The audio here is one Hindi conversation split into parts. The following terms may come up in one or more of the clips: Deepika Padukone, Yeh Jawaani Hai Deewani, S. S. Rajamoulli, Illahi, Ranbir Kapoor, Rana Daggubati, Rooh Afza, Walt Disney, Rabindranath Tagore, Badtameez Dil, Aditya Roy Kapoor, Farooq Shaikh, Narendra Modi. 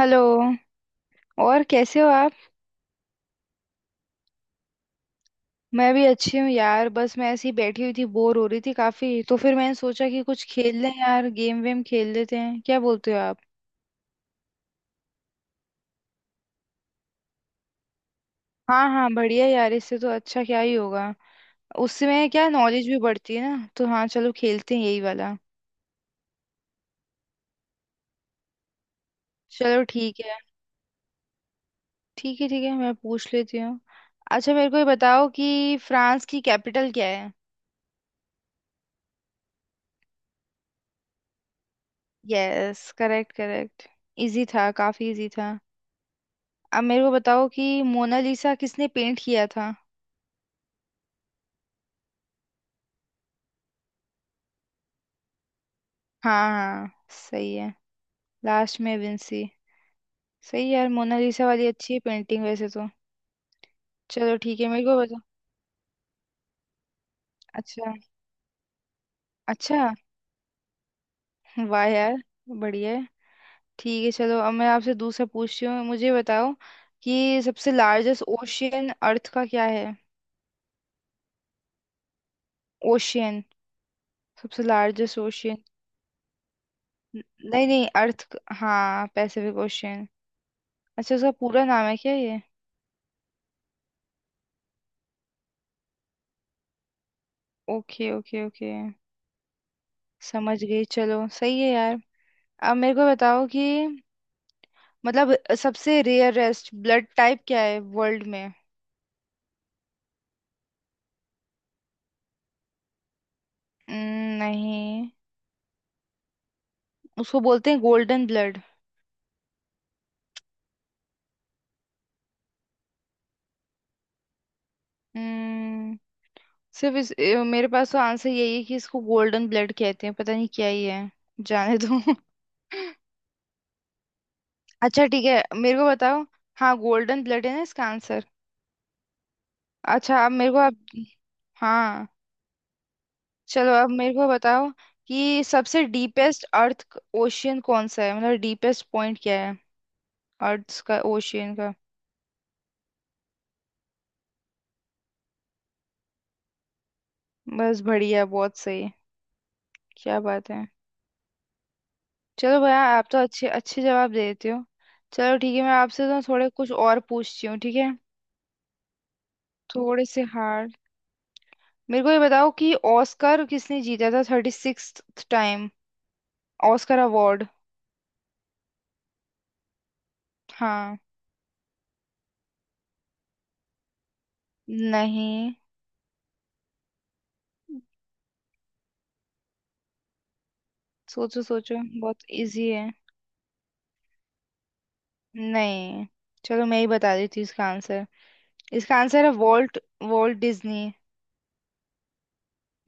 हेलो। और कैसे हो आप? मैं भी अच्छी हूँ यार, बस मैं ऐसी बैठी हुई थी, बोर हो रही थी काफी। तो फिर मैंने सोचा कि कुछ खेल लें यार, गेम वेम खेल लेते हैं, क्या बोलते हो आप? हाँ हाँ, बढ़िया यार, इससे तो अच्छा क्या ही होगा। उसमें क्या नॉलेज भी बढ़ती है ना, तो हाँ चलो खेलते हैं यही वाला। चलो ठीक है। ठीक है ठीक है, मैं पूछ लेती हूँ। अच्छा मेरे को ये बताओ कि फ्रांस की कैपिटल क्या है? Yes, correct correct. इजी था, काफी इजी था। अब मेरे को बताओ कि मोनालिसा किसने पेंट किया था? हाँ हाँ, सही है। लास्ट में विंसी। सही है यार, मोनालिसा वाली अच्छी है पेंटिंग वैसे तो। चलो ठीक है, मेरे को बता। अच्छा। अच्छा। वाह यार, बढ़िया है। ठीक है चलो, अब मैं आपसे दूसरा पूछती हूँ, मुझे बताओ कि सबसे लार्जेस्ट ओशियन अर्थ का क्या है? ओशियन। सबसे लार्जेस्ट ओशियन। नहीं नहीं, अर्थ हाँ पैसिफिक ओशियन। अच्छा उसका पूरा नाम है क्या ये? Okay okay okay. समझ गई, चलो सही है यार। अब मेरे को बताओ कि, मतलब, सबसे रेयरेस्ट ब्लड टाइप क्या है वर्ल्ड में? नहीं, उसको बोलते हैं गोल्डन ब्लड। हम्म। सिर्फ इस मेरे पास तो आंसर यही है कि इसको गोल्डन ब्लड कहते हैं, पता नहीं क्या ही है। जाने दो। अच्छा ठीक है, मेरे को बताओ। हाँ गोल्डन ब्लड है ना इसका आंसर। अच्छा अब मेरे को आप। हाँ। चलो अब मेरे को बताओ कि सबसे डीपेस्ट अर्थ ओशियन कौन सा है, मतलब डीपेस्ट पॉइंट क्या है अर्थ का, ओशियन का। बस, बढ़िया, बहुत सही। क्या बात है। चलो भैया, आप तो अच्छे अच्छे जवाब देते हो। चलो ठीक है, मैं आपसे तो थोड़े कुछ और पूछती हूँ, ठीक है? थोड़े से हार्ड। मेरे को ये बताओ कि ऑस्कर किसने जीता था thirty sixth time Oscar award? हाँ। नहीं। सोचो सोचो, बहुत इजी है। नहीं। चलो मैं ही बता देती हूँ इसका आंसर। इसका आंसर है Walt, Walt Disney.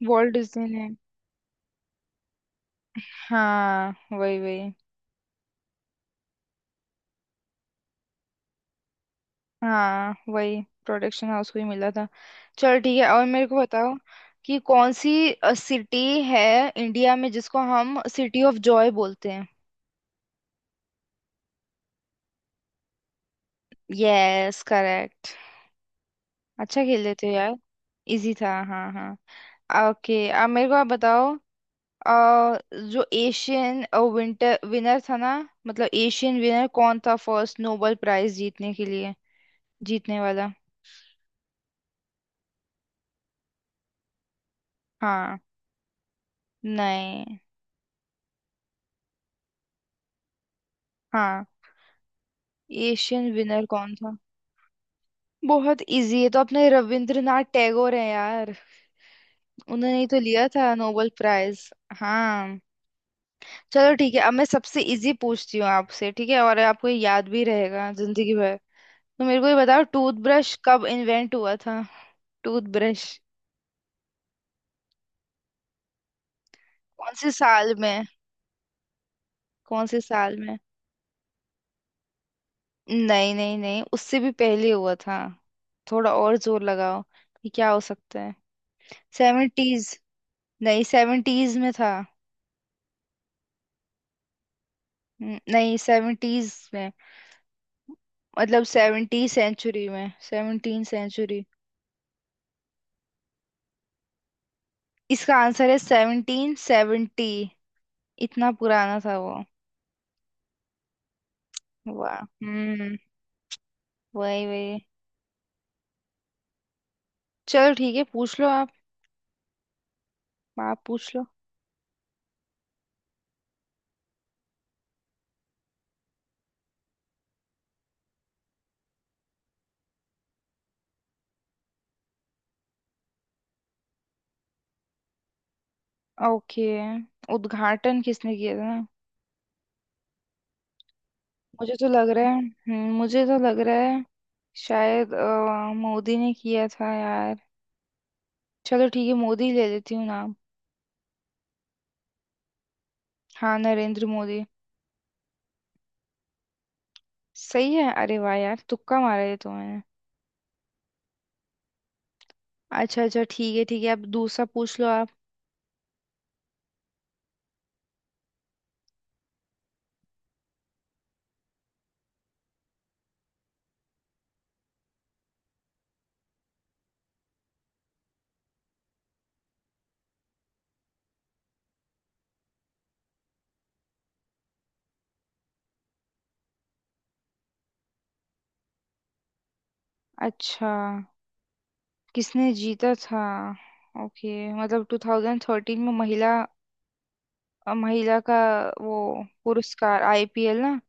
Walt Disney ने। हाँ वही वही। हाँ, वही प्रोडक्शन हाउस को ही मिला था। चल ठीक है, और मेरे को बताओ कि कौन सी सिटी है इंडिया में जिसको हम सिटी ऑफ जॉय बोलते हैं? Yes correct. अच्छा खेल लेते हो यार। इजी था, हाँ हाँ। ओके, अब मेरे को आप बताओ। अ, जो एशियन विंटर विनर था ना, मतलब एशियन विनर कौन था फर्स्ट नोबेल प्राइज जीतने के लिए, जीतने वाला? हाँ। नहीं। हाँ। एशियन विनर कौन था? बहुत इजी है, तो अपने रविंद्रनाथ टैगोर हैं यार। उन्होंने ही तो लिया था नोबेल प्राइज। हाँ। चलो ठीक है, अब मैं सबसे इजी पूछती हूँ आपसे, ठीक है? और आपको ये याद भी रहेगा जिंदगी भर। तो मेरे को ये बताओ, टूथब्रश कब इन्वेंट हुआ था? टूथब्रश। कौन से साल में? कौन से साल में? नहीं नहीं नहीं, उससे भी पहले हुआ था। थोड़ा और जोर लगाओ कि क्या हो सकता है। सेवेंटीज। नहीं सेवेंटीज में था। नहीं सेवेंटीज में, मतलब सेवनटी सेंचुरी में, सेवनटीन सेंचुरी। इसका आंसर है सेवनटीन सेवेंटी। इतना पुराना था वो। वाह। हम्म। वही वही। चलो ठीक है, पूछ लो आप। आप पूछ लो। ओके। उद्घाटन किसने किया था? मुझे तो लग रहा है, मुझे तो लग रहा है शायद मोदी ने किया था यार। चलो ठीक है, मोदी ले लेती हूँ नाम। हाँ नरेंद्र मोदी। सही है? अरे वाह यार, तुक्का मारा है तो मैंने। अच्छा अच्छा ठीक है ठीक है, अब दूसरा पूछ लो आप। अच्छा, किसने जीता था? ओके, मतलब 2013 में महिला, महिला का वो पुरस्कार, आईपीएल ना?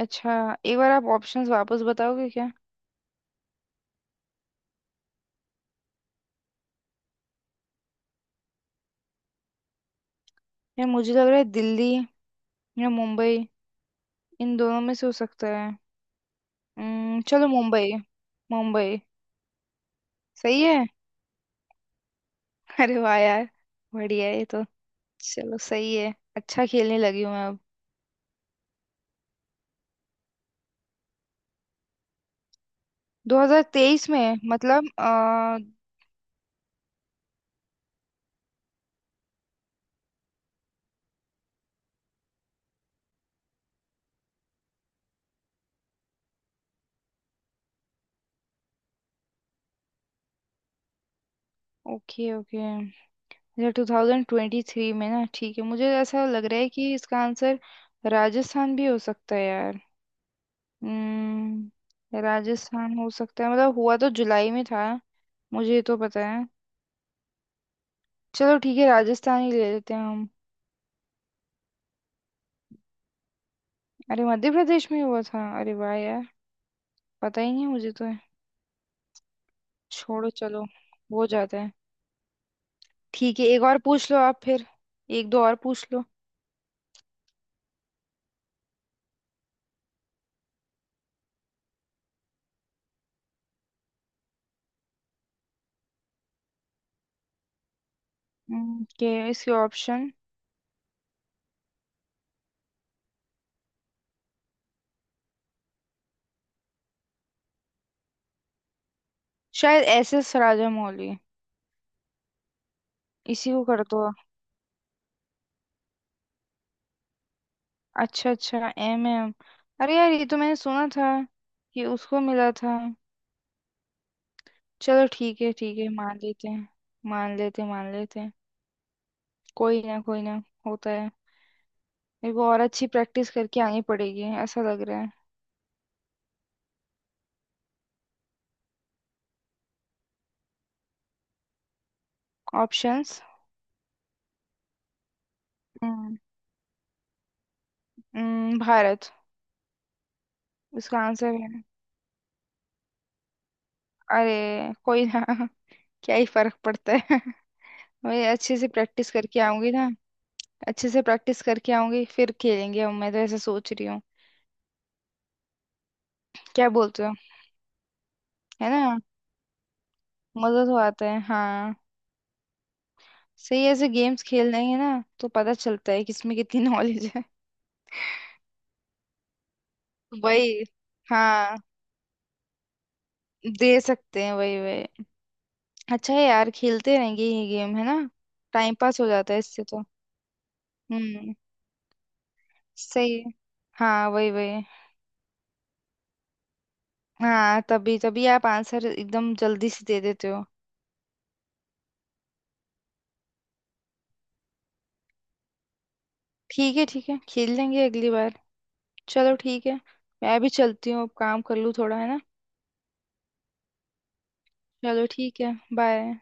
अच्छा। एक बार आप ऑप्शंस वापस बताओगे क्या? या मुझे लग रहा है दिल्ली या मुंबई, इन दोनों में से हो सकता है। चलो मुंबई। मुंबई। सही है। अरे वाह यार, बढ़िया है ये तो। चलो सही है, अच्छा खेलने लगी हूँ मैं अब। 2023 में? मतलब ओके ओके। या 2023 में ना, ठीक है, मुझे ऐसा लग रहा है कि इसका आंसर राजस्थान भी हो सकता है यार। हम्म, राजस्थान हो सकता है, मतलब हुआ तो जुलाई में था। मुझे तो पता है। चलो ठीक है, राजस्थान ही ले लेते हैं हम। अरे मध्य प्रदेश में हुआ था? अरे वाह यार, पता ही नहीं मुझे तो। छोड़ो चलो, हो जाता है। ठीक है एक और पूछ लो आप, फिर एक दो और पूछ लो। के इसके ऑप्शन। शायद एस एस राजामौली। इसी को कर दो। अच्छा अच्छा एम एम। अरे यार ये तो मैंने सुना था कि उसको मिला था। चलो ठीक है ठीक है, मान लेते हैं। मान लेते हैं, मान लेते हैं। कोई ना, कोई ना होता है। मेरे को और अच्छी प्रैक्टिस करके आनी पड़ेगी, ऐसा लग रहा है। ऑप्शंस। हम्म। भारत। इसका आंसर है? अरे कोई ना। क्या ही फर्क पड़ता है। मैं अच्छे से प्रैक्टिस करके आऊंगी ना, अच्छे से प्रैक्टिस करके आऊंगी, फिर खेलेंगे अब, मैं तो ऐसा सोच रही हूँ। क्या बोलते हो? है ना, मजा तो आता है हाँ। सही, ऐसे गेम्स खेल लेंगे ना तो पता चलता है किसमें कितनी नॉलेज है। वही। हाँ दे सकते हैं, वही वही। अच्छा है यार, खेलते रहेंगे ये गेम, है ना? टाइम पास हो जाता है इससे तो। हम्म। सही है। हाँ वही वही। हाँ तभी तभी आप आंसर एकदम जल्दी से दे देते हो। ठीक है ठीक है, खेल लेंगे अगली बार। चलो ठीक है, मैं भी चलती हूँ, अब काम कर लूँ थोड़ा, है ना? चलो ठीक है, बाय।